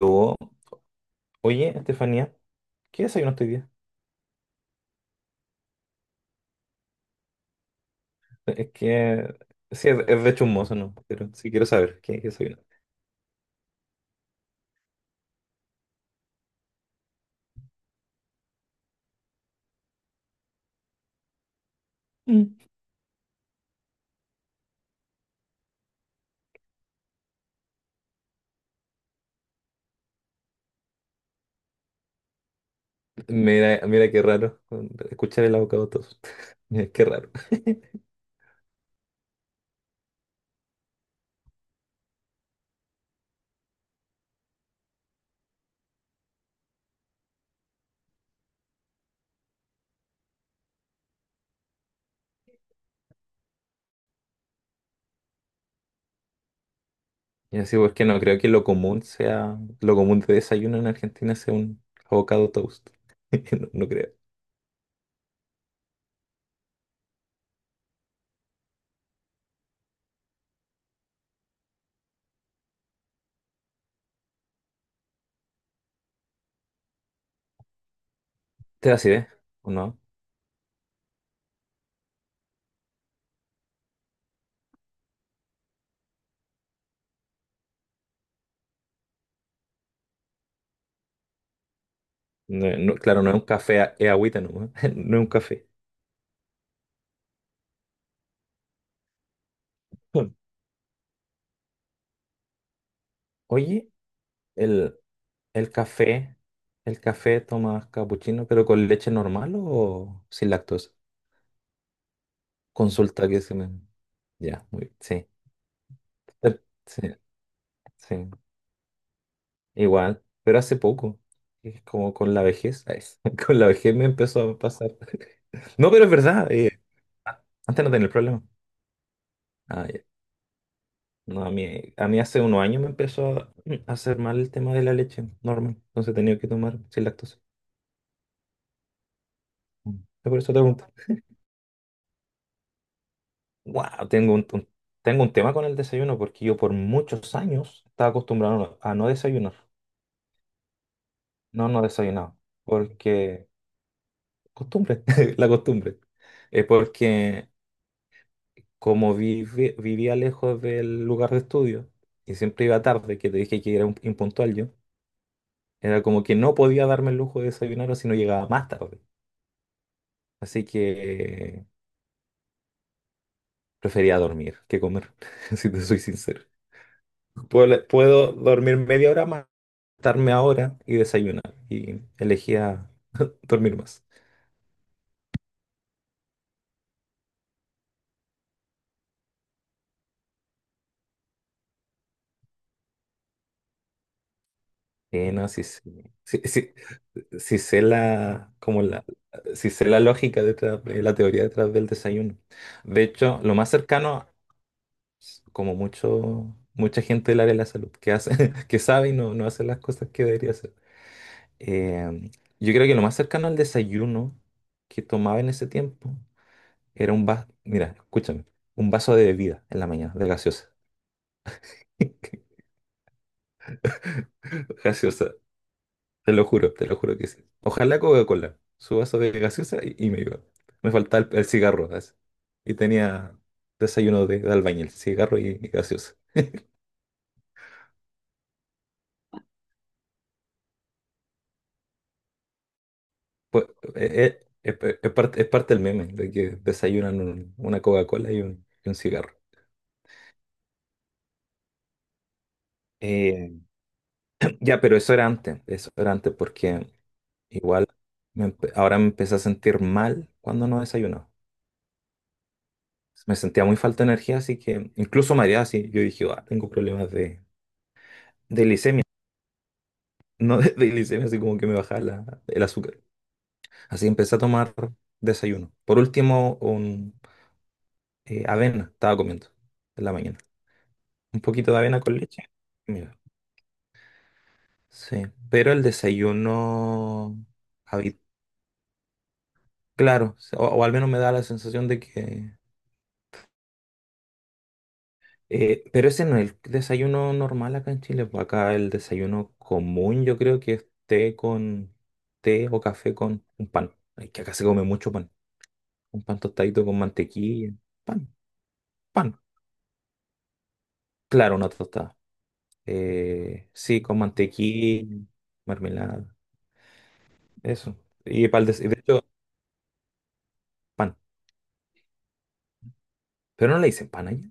Luego. Oye, Estefanía, ¿qué desayunaste hoy día? Es que, sí, es de hecho un mozo, ¿no? Pero sí quiero saber, ¿qué desayunaste? Mm. Mira, mira qué raro escuchar el abocado tos. Mira, qué raro. Y así, porque no creo que lo común sea, lo común de desayuno en Argentina sea un avocado toast. No, no creo. ¿Te da acidez? ¿O no? No, no, claro, no es un café, es agüita, ¿no? No es un café. Oye, el el café, el café tomas capuchino, pero con leche normal o sin lactosa. Consulta que se me. Ya, muy bien. Sí. Eh, sí, sí. Igual, pero hace poco. Es como con la vejez, ay. Con la vejez me empezó a pasar. No, pero es verdad. Antes no tenía el problema. Ah, ya. No, a mí hace unos años me empezó a a hacer mal el tema de la leche normal. Entonces tenía que tomar sin lactosa. Mm. Por eso te pregunto. Wow, tengo un tema con el desayuno porque yo por muchos años estaba acostumbrado a no desayunar. No, no desayunaba. Porque costumbre, la costumbre. Porque como vivía lejos del lugar de estudio y siempre iba tarde, que te dije que era impuntual yo, era como que no podía darme el lujo de desayunar o si no llegaba más tarde. Así que prefería dormir que comer, si te soy sincero. Puedo, puedo dormir media hora más, acostarme ahora y desayunar. Y elegía dormir más. No, sí, sí, sí, sí- sí sé sí sé la lógica detrás, de la teoría detrás del desayuno. De hecho, lo más cercano, como mucho, mucha gente del área de la salud, que hace, que sabe y no hace las cosas que debería hacer. Eh, yo creo que lo más cercano al desayuno que tomaba en ese tiempo era un vaso, mira, escúchame, un vaso de bebida en la mañana, de gaseosa. Gaseosa. Te lo juro que sí. Ojalá Coca-Cola, su vaso de gaseosa y me iba. Me faltaba el cigarro, así. Y tenía desayuno de albañil, cigarro y gaseosa. Pues, es, es parte del meme, de que desayunan una Coca-Cola y un cigarro. Eh, ya, pero eso era antes porque igual ahora me empecé a sentir mal cuando no desayunaba. Me sentía muy falta de energía, así que incluso mareado, así yo dije: "Ah, tengo problemas de no de glicemia", así como que me bajaba el azúcar. Así que empecé a tomar desayuno. Por último, un, avena estaba comiendo en la mañana. Un poquito de avena con leche. Mira, sí. Pero el desayuno, habi- claro, o al menos me da la sensación de que… pero ese no es el desayuno normal acá en Chile, pues. Acá el desayuno común yo creo que es té con té o café con un pan. Es que acá se come mucho pan. Un pan tostadito con mantequilla. Pan. Pan, claro, una tostada. Sí, con mantequilla, mermelada, eso. Y y de hecho, pan. Pero no le dicen pan allá.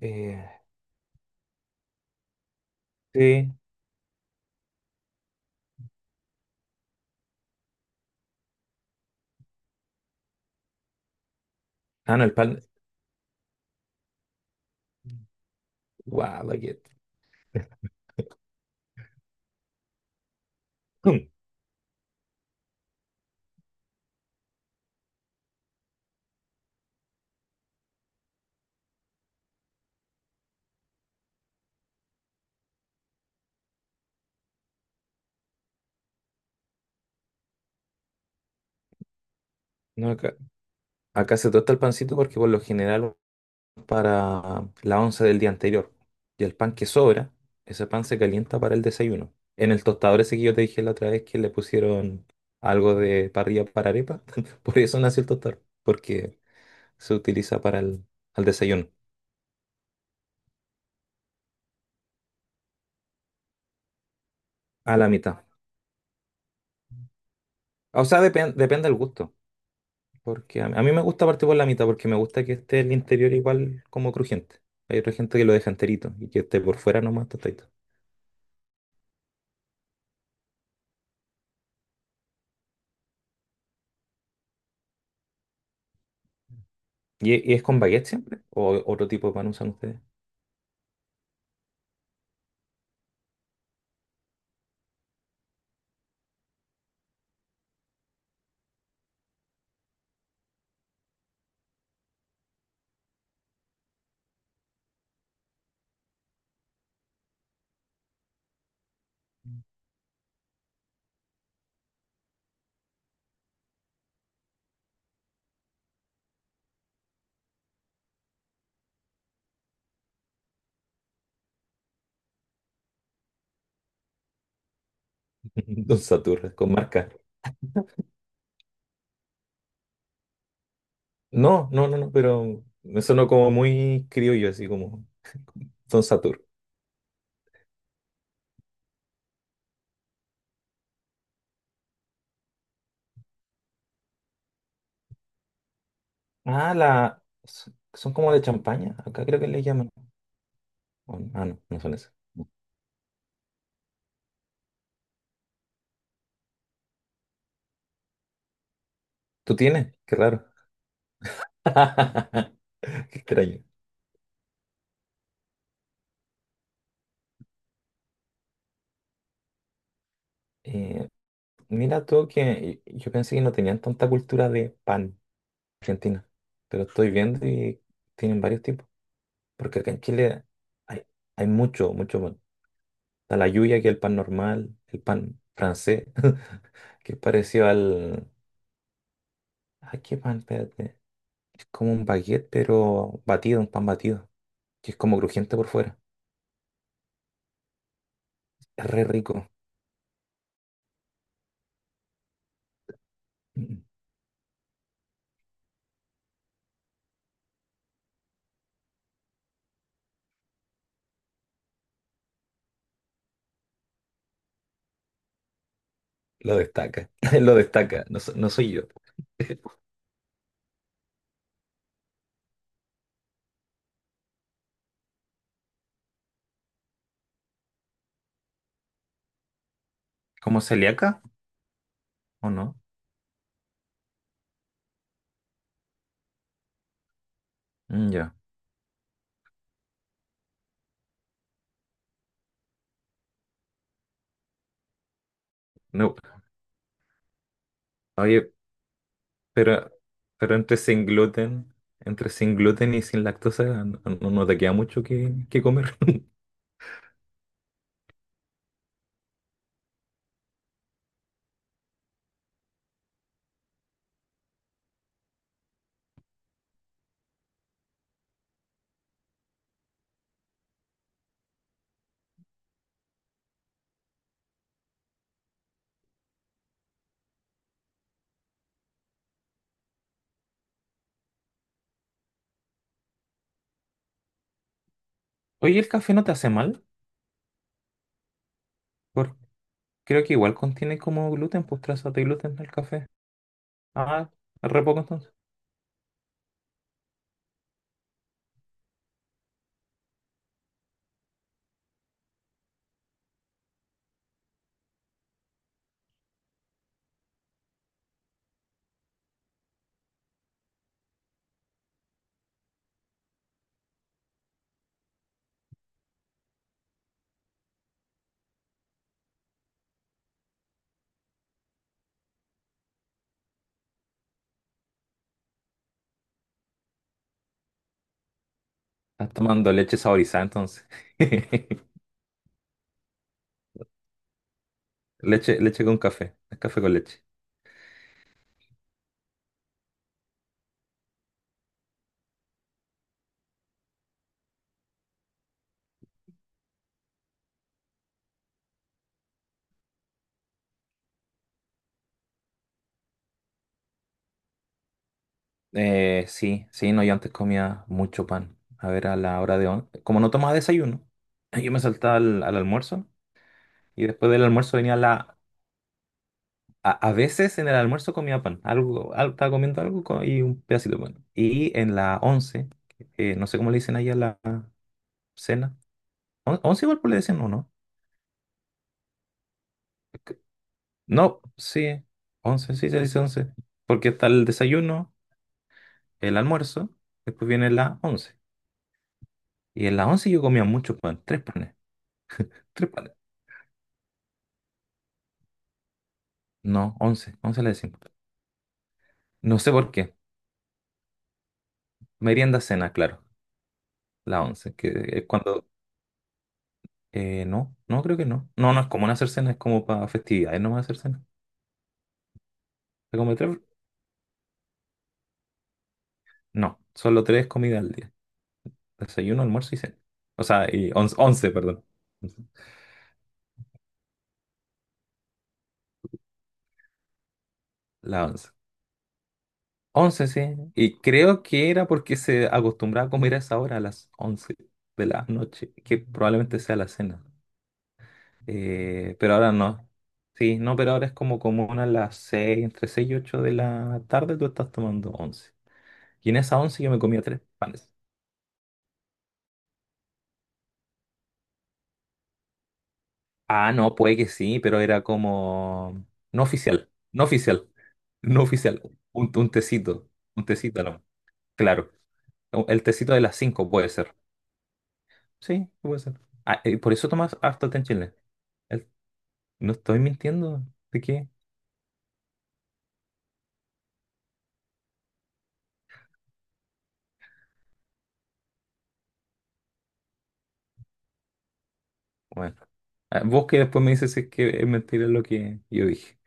Eh, sí. Ah, no, el pan. Guau, baguette. Mm. No, acá se tosta el pancito porque por lo general para la once del día anterior. Y el pan que sobra, ese pan se calienta para el desayuno. En el tostador ese que yo te dije la otra vez que le pusieron algo de parrilla para arepa, por eso nació el tostador. Porque se utiliza para el, al desayuno, a la mitad. O sea, depende del gusto, porque a mí me gusta partir por la mitad porque me gusta que esté el interior igual como crujiente. Hay otra gente que lo deja enterito y que esté por fuera nomás tostadito. ¿Y, y es con baguette siempre? ¿O otro tipo de pan usan ustedes? Don Saturra, con marca. No, no, no, no, pero me sonó como muy criollo, así como Don Satur. Ah, la… Son como de champaña, acá creo que le llaman. Ah, no, no son esas. ¿Tú tienes? Qué raro. Qué extraño. Eh, Mira tú que yo pensé que no tenían tanta cultura de pan argentina, pero estoy viendo y tienen varios tipos, porque acá en Chile hay, hay mucho, mucho pan. Está la lluvia, que es el pan normal, el pan francés, que es parecido al… ¿a qué pan? Espérate. Es como un baguette, pero batido, un pan batido, que es como crujiente por fuera. Es re rico. Mm. Lo destaca, lo destaca, no, no soy yo. ¿Como celíaca o no? Mm, ya. No, oye, pero, pero entre sin gluten y sin lactosa, no, no te queda mucho que comer. Oye, ¿el café no te hace mal? Por- Creo que igual contiene como gluten, pues trazas de gluten el café. Ah, re poco entonces. Estás tomando leche saborizada entonces. Leche, leche con café, es café con leche. Sí, sí, no, yo antes comía mucho pan. A ver, a la hora de… Como no tomaba desayuno, yo me saltaba al almuerzo y después del almuerzo venía la… A, a veces en el almuerzo comía pan, algo, estaba comiendo algo y un pedacito de pan. Y en la once, no sé cómo le dicen ahí a la cena. Once igual pues le decían, ¿o no? No, sí, once, sí se dice once. Porque está el desayuno, el almuerzo, después viene la once. Y en la once yo comía mucho pan, tres panes, tres panes. No, once, once le decimos. No sé por qué. Merienda cena, claro, la once, que es cuando… no, no creo que no. No, no es común hacer cena, es como para festividades nomás hacer cena. ¿Se come tres? No, solo tres comidas al día. Desayuno, almuerzo y cena. O sea, y once, once, perdón. Once. La once. Once, sí. Y creo que era porque se acostumbraba a comer a esa hora, a las 11 de la noche, que probablemente sea la cena. Pero ahora no. Sí, no, pero ahora es como común a las 6, entre las 6 y las 8 de la tarde tú estás tomando once. Y en esa once yo me comía tres panes. Ah, no, puede que sí, pero era como no oficial, no oficial, no oficial. Un tecito, no, claro. No, el tecito de las 5 puede ser. Sí, puede ser. Ah, y por eso tomas harto té en Chile. El- no estoy mintiendo. ¿De qué? Bueno, ah, vos que después me dices si es que es mentira lo que yo dije.